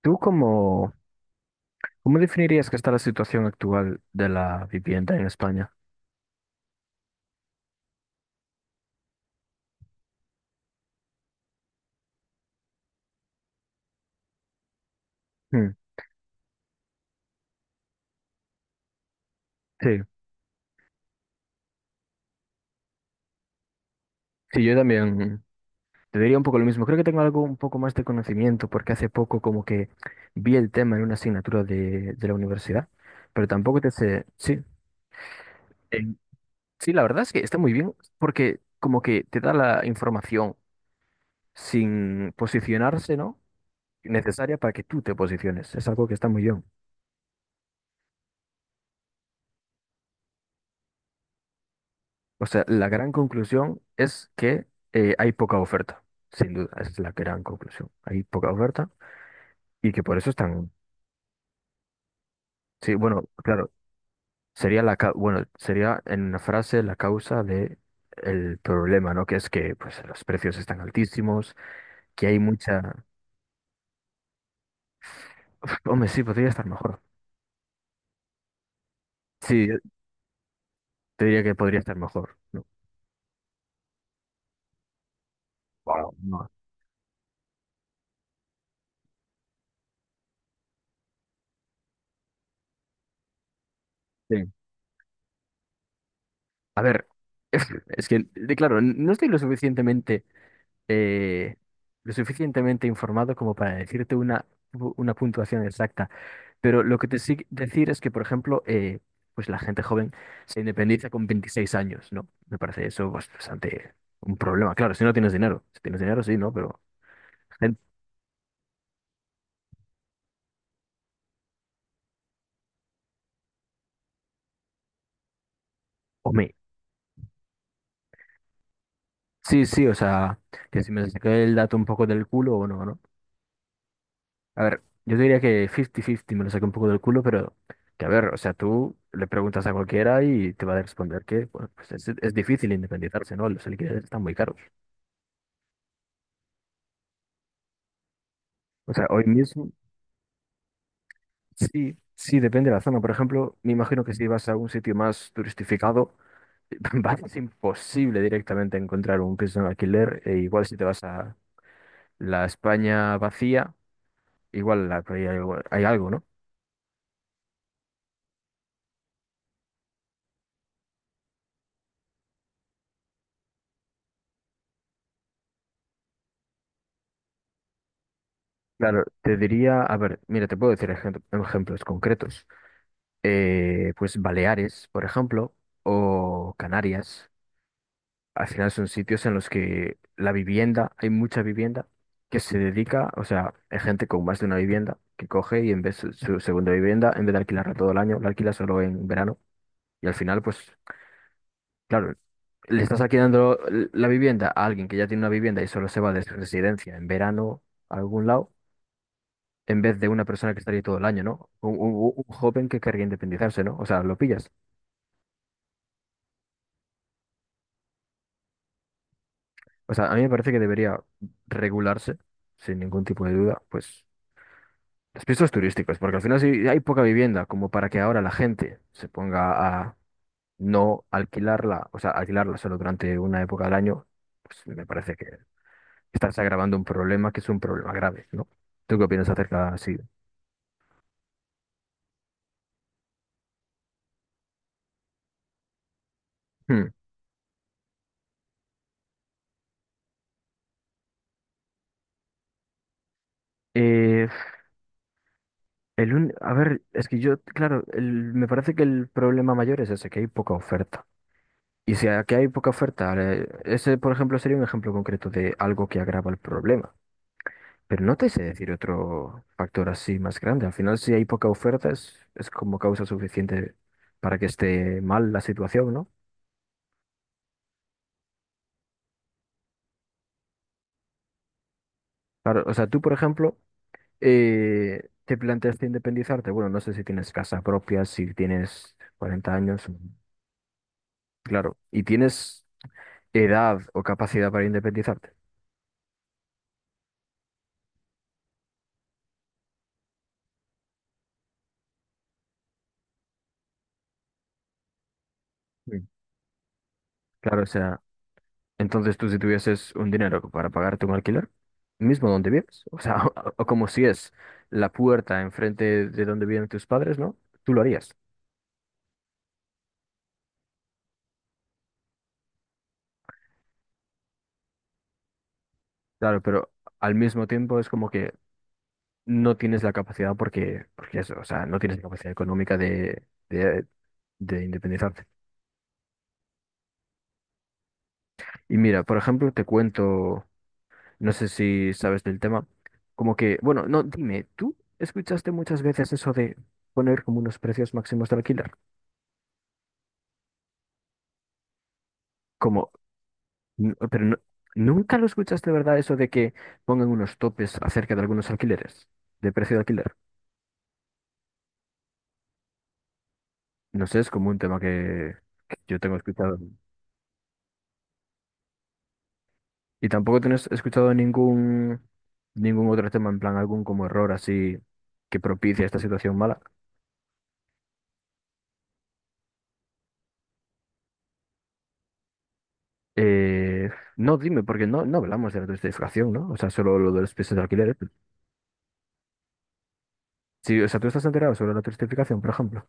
¿Tú cómo, cómo definirías que está la situación actual de la vivienda en España? Hmm. Sí, sí, yo también te diría un poco lo mismo. Creo que tengo algo un poco más de conocimiento porque hace poco como que vi el tema en una asignatura de la universidad, pero tampoco te sé, sí, en- sí, la verdad es que está muy bien porque como que te da la información sin posicionarse, ¿no? Necesaria para que tú te posiciones. Es algo que está muy bien. O sea, la gran conclusión es que hay poca oferta, sin duda, esa es la gran conclusión. Hay poca oferta y que por eso están... Sí, bueno, claro, sería la bueno, sería en una frase la causa de el problema, ¿no? Que es que pues los precios están altísimos, que hay mucha... Uf, hombre, sí, podría estar mejor. Sí, yo te diría que podría estar mejor. No. Wow, no. Sí. A ver, es, que, claro, no estoy eh, lo suficientemente informado como para decirte una, una puntuación exacta. Pero lo que te sí decir es que, por ejemplo, pues la gente joven se independiza con 26 años, ¿no? Me parece eso pues, bastante un problema. Claro, si no tienes dinero. Si tienes dinero, sí, ¿no? Pero, gen- hombre, sí, sí, o sea, que si me saqué el dato un poco del culo o no, ¿no? A ver, yo diría que 50-50 me lo saqué un poco del culo, pero que a ver, o sea, tú le preguntas a cualquiera y te va a responder que, bueno, pues es difícil independizarse, ¿no? Los alquileres están muy caros. O sea, hoy mismo sí, sí, depende de la zona. Por ejemplo, me imagino que si vas a un sitio más turistificado, va a ser imposible directamente encontrar un piso en alquiler. E igual si te vas a la España vacía, igual hay, hay algo, ¿no? Claro, te diría, a ver, mira, te puedo decir ejemplos concretos. Pues Baleares, por ejemplo, o Canarias. Al final son sitios en los que la vivienda, hay mucha vivienda que se dedica, o sea, hay gente con más de una vivienda que coge y en vez de su segunda vivienda, en vez de alquilarla todo el año, la alquila solo en verano. Y al final, pues, claro, le estás alquilando la vivienda a alguien que ya tiene una vivienda y solo se va de su residencia en verano a algún lado, en vez de una persona que estaría todo el año, ¿no? Un joven que querría independizarse, ¿no? O sea, lo pillas. O sea, a mí me parece que debería regularse, sin ningún tipo de duda, pues los pisos turísticos, porque al final si hay poca vivienda, como para que ahora la gente se ponga a no alquilarla, o sea, alquilarla solo durante una época del año, pues me parece que estás agravando un problema que es un problema grave, ¿no? ¿Tú qué opinas acerca así? Hmm. Eh, A ver, es que yo, claro, me parece que el problema mayor es ese, que hay poca oferta. Y si aquí hay poca oferta, ese, por ejemplo, sería un ejemplo concreto de algo que agrava el problema. Pero no te sé decir otro factor así más grande. Al final, si hay poca oferta, es como causa suficiente para que esté mal la situación, ¿no? Claro, o sea, tú, por ejemplo, te planteaste independizarte. Bueno, no sé si tienes casa propia, si tienes 40 años, claro, y tienes edad o capacidad para independizarte. Mm. Claro, o sea. Entonces tú si tuvieses un dinero para pagarte un alquiler, mismo donde vives, o sea, o como si es la puerta enfrente de donde viven tus padres, ¿no? Tú lo harías. Claro, pero al mismo tiempo es como que no tienes la capacidad porque, porque eso, o sea, no tienes la capacidad económica de, de independizarte. Y mira, por ejemplo, te cuento, no sé si sabes del tema, como que, bueno, no, dime, ¿tú escuchaste muchas veces eso de poner como unos precios máximos de alquiler? Como pero nunca lo escuchas de verdad eso de que pongan unos topes acerca de algunos alquileres, de precio de alquiler. No sé, es como un tema que yo tengo escuchado. Y tampoco tienes escuchado ningún, ningún otro tema, en plan algún como error así que propicia esta situación mala. Eh, no, dime, porque no, no hablamos de la turistificación, ¿no? O sea, solo lo de los pisos de alquiler. Sí, o sea, tú estás enterado sobre la turistificación, por ejemplo.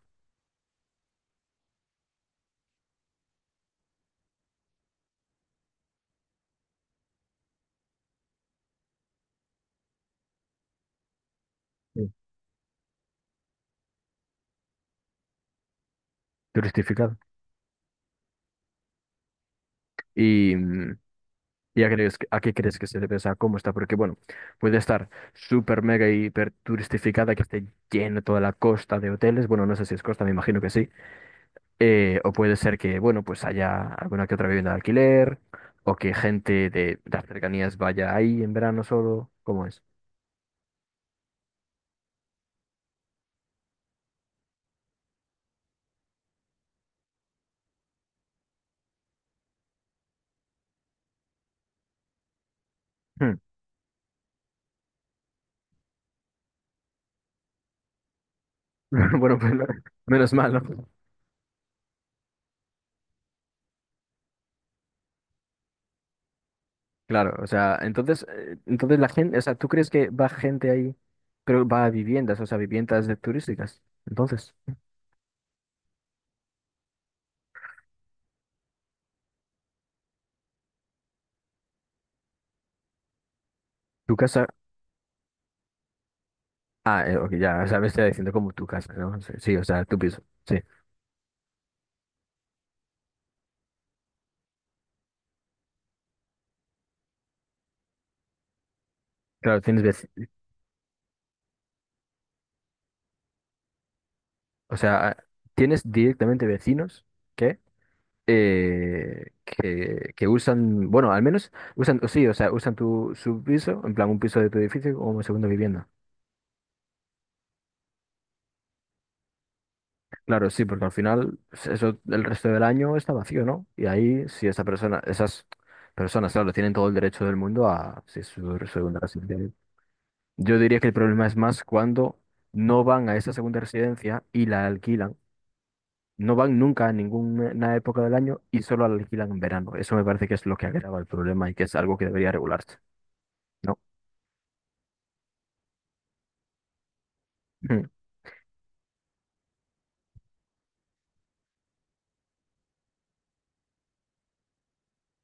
Sí. Turistificado. Y, mm, ¿y a, crees, a qué crees que se debe? O sea, ¿cómo está? Porque, bueno, puede estar súper mega hiper turistificada, que esté lleno toda la costa de hoteles. Bueno, no sé si es costa, me imagino que sí. O puede ser que, bueno, pues haya alguna que otra vivienda de alquiler, o que gente de las cercanías vaya ahí en verano solo. ¿Cómo es? Hmm. Bueno, pues menos mal, ¿no? Claro, o sea, entonces, entonces la gente, o sea, ¿tú crees que va gente ahí? Pero va a viviendas, o sea, viviendas de turísticas. Entonces. ¿Tu casa? Ah, ok, ya, o sea, me está diciendo como tu casa, ¿no? Sí, sí, o sea, tu piso. Sí, claro, tienes o sea, ah, tienes directamente vecinos que, que usan, bueno, al menos usan, sí, o sea, usan tu, su piso, en plan un piso de tu edificio como segunda vivienda. Claro, sí, porque al final eso el resto del año está vacío, ¿no? Y ahí, si esa persona, esas personas, claro, tienen todo el derecho del mundo a, si es su segunda residencia. Yo diría que el problema es más cuando no van a esa segunda residencia y la alquilan. No van nunca a ninguna época del año y solo la alquilan en verano. Eso me parece que es lo que agrava el problema y que es algo que debería regularse, ¿no? Mm.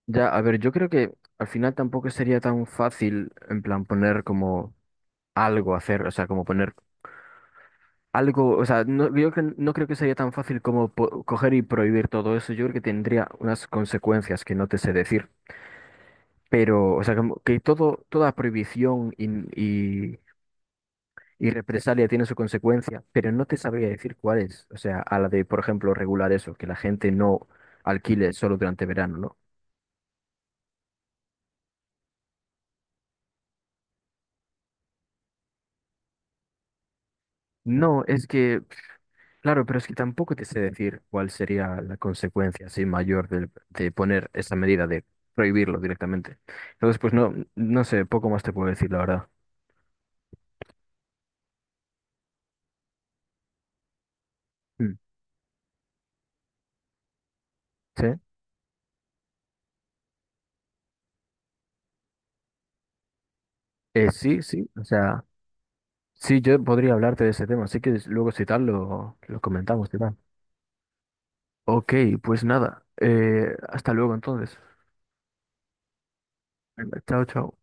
Ya, a ver, yo creo que al final tampoco sería tan fácil en plan poner como algo a hacer, o sea, como poner algo, o sea, no, no creo que sería tan fácil como coger y prohibir todo eso. Yo creo que tendría unas consecuencias que no te sé decir. Pero, o sea, como que todo, toda prohibición y, y represalia tiene su consecuencia, pero no te sabría decir cuál es. O sea, a la de, por ejemplo, regular eso, que la gente no alquile solo durante verano, ¿no? No, es que, claro, pero es que tampoco te sé decir cuál sería la consecuencia así mayor de, poner esa medida de prohibirlo directamente. Entonces, pues no, no sé, poco más te puedo decir, la verdad. Mm. ¿Sí? Sí, sí, o sea. Sí, yo podría hablarte de ese tema, así que luego si tal lo comentamos, si tal? Ok, pues nada, hasta luego entonces. Venga, chao, chao.